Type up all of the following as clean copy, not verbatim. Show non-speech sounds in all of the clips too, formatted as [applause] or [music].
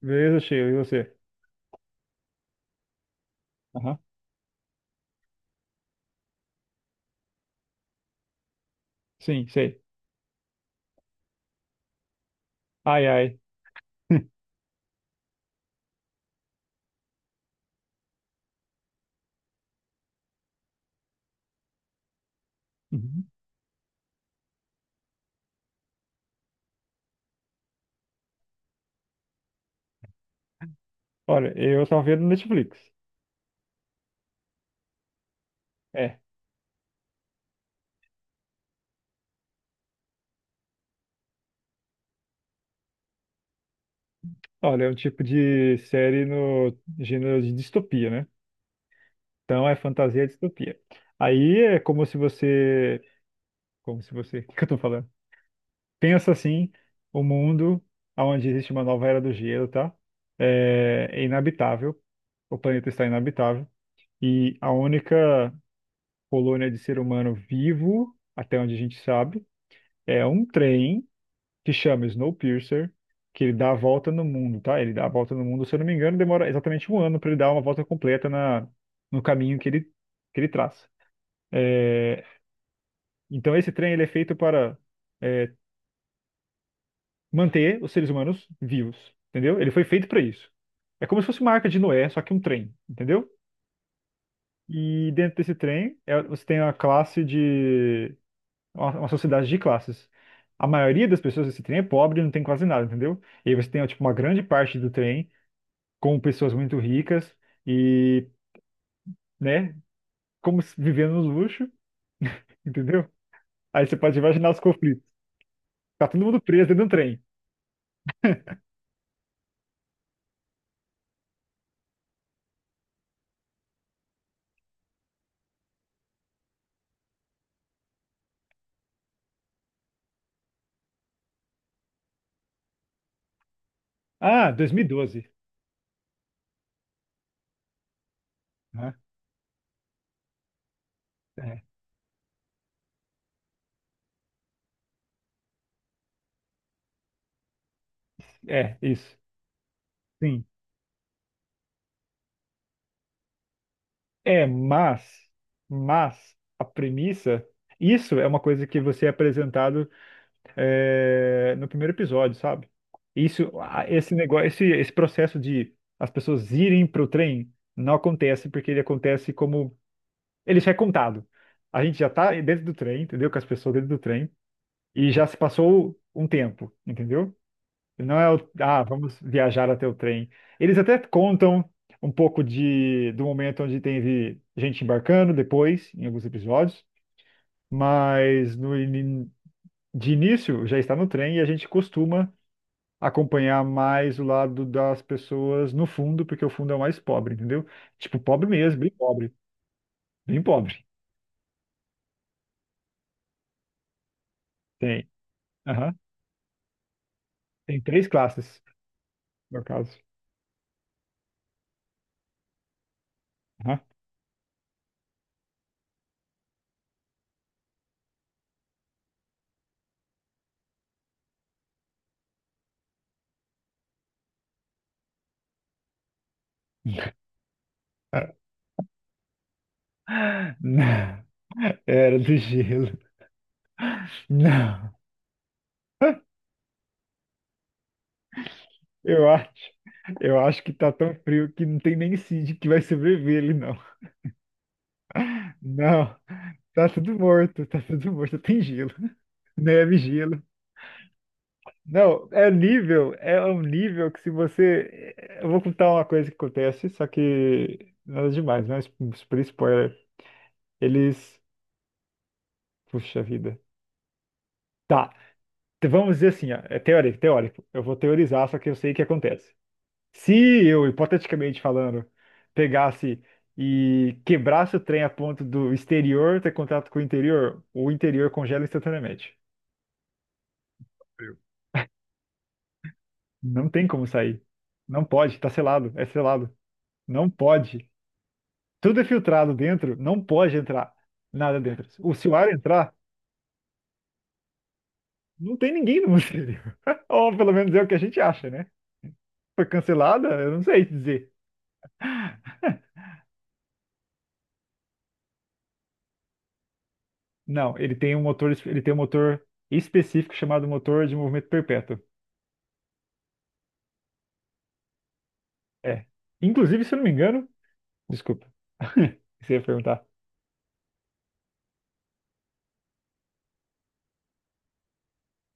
Beleza, Sheila, e você? Aham, sim, sei. Ai, ai. Uhum. Olha, eu tava vendo Netflix. É. Olha, é um tipo de série no gênero de distopia, né? Então é fantasia e distopia. Aí é como se você. Como se você. [laughs] O que que eu tô falando? Pensa assim: o mundo onde existe uma nova era do gelo, tá? É inabitável. O planeta está inabitável. E a única colônia de ser humano vivo, até onde a gente sabe, é um trem, que chama Snowpiercer, que ele dá a volta no mundo, tá? Ele dá a volta no mundo, se eu não me engano, demora exatamente um ano para ele dar uma volta completa no caminho que ele traça. É, então esse trem ele é feito para é, manter os seres humanos vivos, entendeu? Ele foi feito para isso. É como se fosse uma arca de Noé, só que um trem, entendeu? E dentro desse trem você tem uma classe de uma sociedade de classes. A maioria das pessoas desse trem é pobre, e não tem quase nada, entendeu? E aí você tem tipo uma grande parte do trem com pessoas muito ricas e, né, como se- vivendo no luxo, entendeu? Aí você pode imaginar os conflitos. Tá todo mundo preso dentro do trem. Ah, 2012, né? É, é, isso. Sim. É, mas a premissa, isso é uma coisa que você é apresentado, no primeiro episódio, sabe? Isso, ah, esse negócio, esse processo de as pessoas irem pro trem não acontece, porque ele acontece como. Ele já é contado. A gente já tá dentro do trem, entendeu? Com as pessoas dentro do trem. E já se passou um tempo, entendeu? Não é o, ah, vamos viajar até o trem. Eles até contam um pouco do momento onde teve gente embarcando depois, em alguns episódios. Mas no, ini- de início já está no trem, e a gente costuma acompanhar mais o lado das pessoas no fundo, porque o fundo é o mais pobre, entendeu? Tipo, pobre mesmo, bem pobre, bem pobre. Tem. Aham. Tem três classes, no caso. Aham. Não, era do gelo. Não, eu acho, eu acho que tá tão frio que não tem nem Cid que vai sobreviver ele, não. Não, tá tudo morto, tem gelo. Neve, gelo. Não, é um nível que se você. Eu vou contar uma coisa que acontece, só que nada demais, né? Super spoiler. Eles. Puxa vida. Tá, então vamos dizer assim, ó, é teórico, teórico. Eu vou teorizar, só que eu sei o que acontece. Se eu, hipoteticamente falando, pegasse e quebrasse o trem a ponto do exterior ter contato com o interior congela instantaneamente. Frio. Não tem como sair. Não pode, tá selado, é selado. Não pode. Tudo é filtrado dentro, não pode entrar nada dentro. Se o ar entrar, não tem ninguém no exterior. [laughs] Ou pelo menos é o que a gente acha, né? Foi cancelada? Eu não sei dizer. Não, ele tem um motor, ele tem um motor específico chamado motor de movimento perpétuo. É. Inclusive, se eu não me engano. Desculpa. [laughs] Você ia perguntar.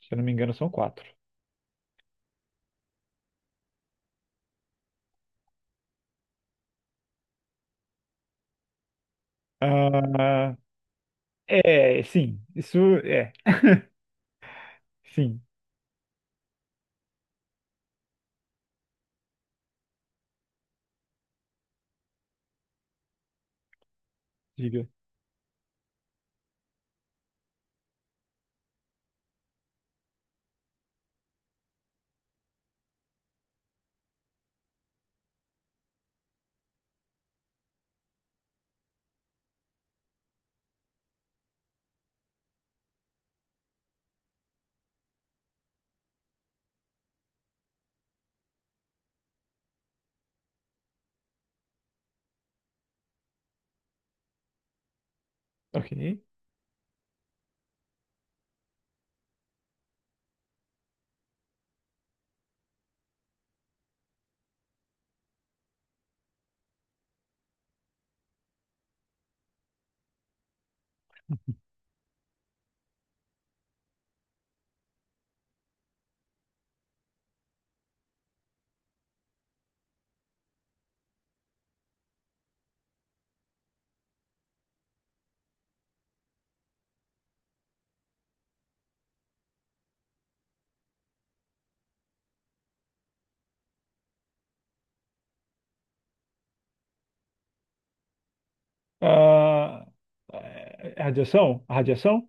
Se eu não me engano, são quatro. Ah, é, sim. Isso é. Sim. Diga. Ok. Ah, é, radiação? A radiação?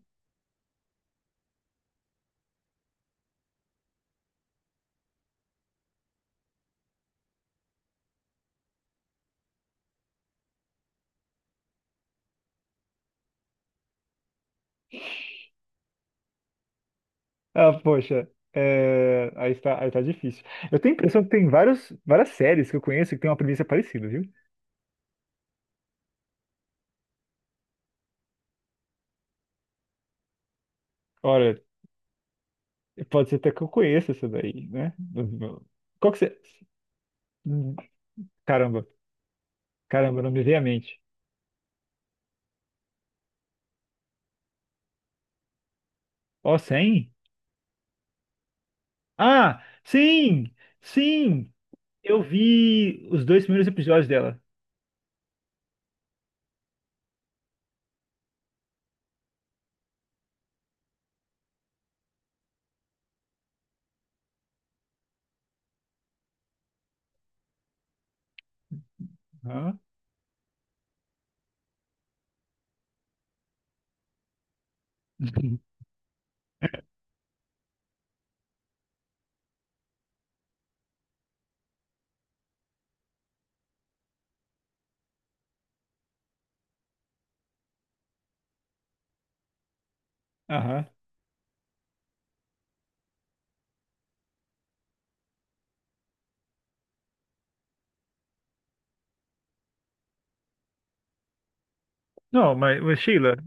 Ah, poxa, aí está, aí tá difícil. Eu tenho a impressão que tem várias séries que eu conheço que tem uma premissa parecida, viu? Olha, pode ser até que eu conheça essa daí, né? Qual que você. hum, Caramba. Caramba, não me veio à mente. Ó, 100? Ah, sim, sim. Eu vi os dois primeiros episódios dela. Aham. [laughs] Aham. Não, mas Sheila,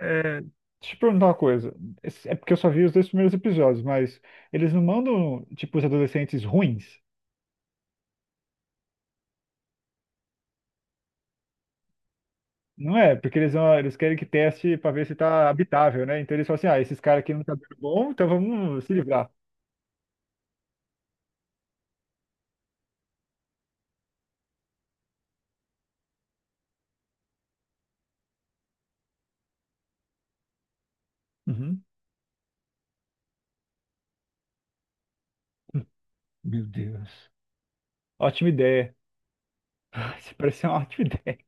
deixa eu te perguntar uma coisa. É porque eu só vi os dois primeiros episódios, mas eles não mandam, tipo, os adolescentes ruins, não é? Porque eles querem que teste pra ver se tá habitável, né? Então eles falam assim, ah, esses caras aqui não tá dando bom, então vamos se livrar. Uhum. Meu Deus. Ótima ideia. [laughs] Isso parece uma ótima ideia.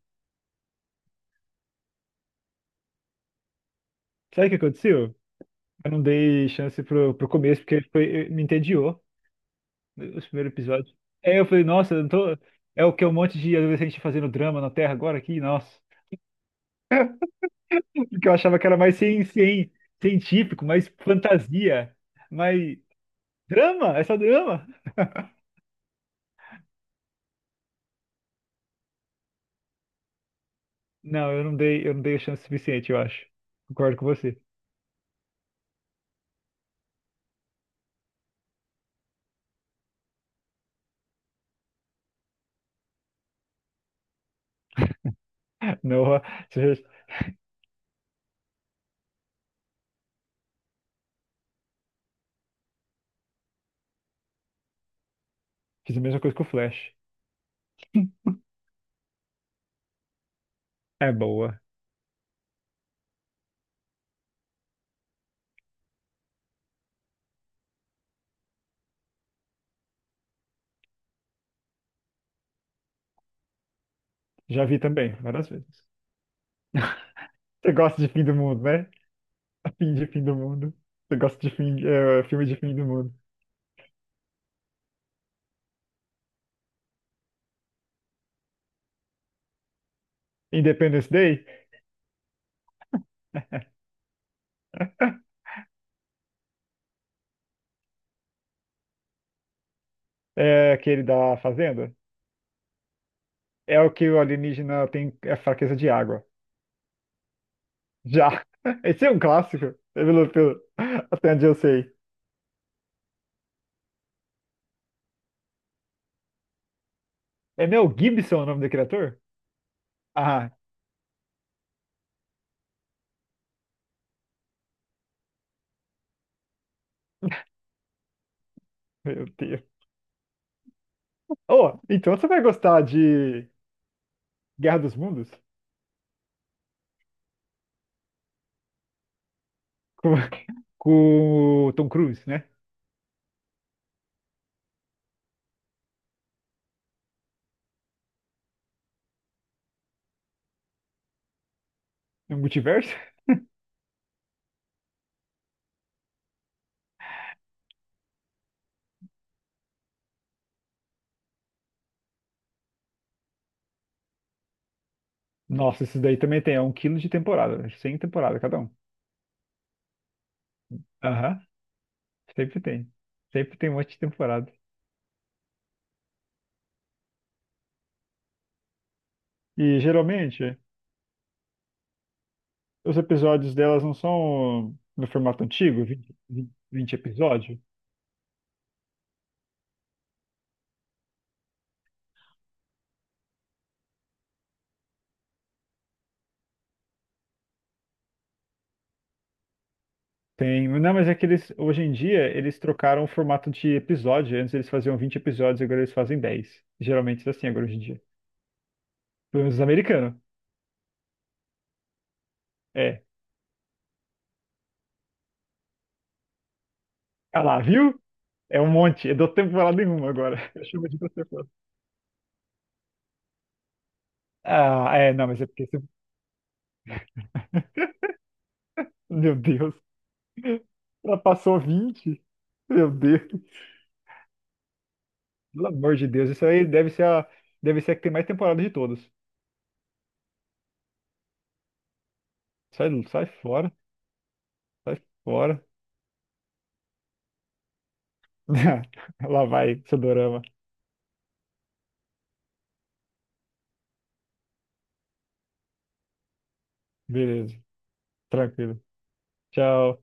Sabe o que aconteceu? Eu não dei chance pro começo, porque foi, me entediou, né, os primeiros episódios. É, eu falei, nossa, eu não tô... é o que é um monte de adolescente fazendo drama na Terra agora aqui? Nossa. [laughs] Porque eu achava que era mais científico, mais fantasia, mais drama, é só drama. Não, eu não dei chance suficiente, eu acho. Concordo com você. [laughs] Noah, você já fez a mesma coisa com o Flash. É boa. Já vi também, várias vezes. Você gosta de fim do mundo, né? [laughs] Fim de fim do mundo. Você gosta de filme de fim do mundo. Independence Day, [laughs] é aquele da fazenda, é o que o alienígena tem é fraqueza de água. Já. [laughs] Esse é um clássico, até onde eu sei. É Mel Gibson o nome do criador? Ah, meu Deus. Oh, então você vai gostar de Guerra dos Mundos? Com, [laughs] com o Tom Cruise, né? No multiverso? Nossa, esses daí também tem. É um quilo de temporada. 100 temporadas cada um. Aham, sempre tem. Sempre tem um monte de temporada. E geralmente. Os episódios delas não são no formato antigo, 20 20 episódios? Tem. Não, mas é que eles, hoje em dia, eles trocaram o formato de episódio. Antes eles faziam 20 episódios, agora eles fazem dez. Geralmente é assim agora, hoje em dia. Pelo menos os americanos. É. Ah lá, viu? É um monte. Eu dou tempo pra falar nenhuma agora. [laughs] Eu chamo de você falando. Ah, é, não, mas é porque você... Meu Deus. Ela passou vinte. Meu Deus. Pelo amor de Deus. Isso aí deve ser a que tem mais temporada de todas. Sai, sai fora. Sai fora. [laughs] Lá vai, Sudorama. Beleza, tranquilo. Tchau.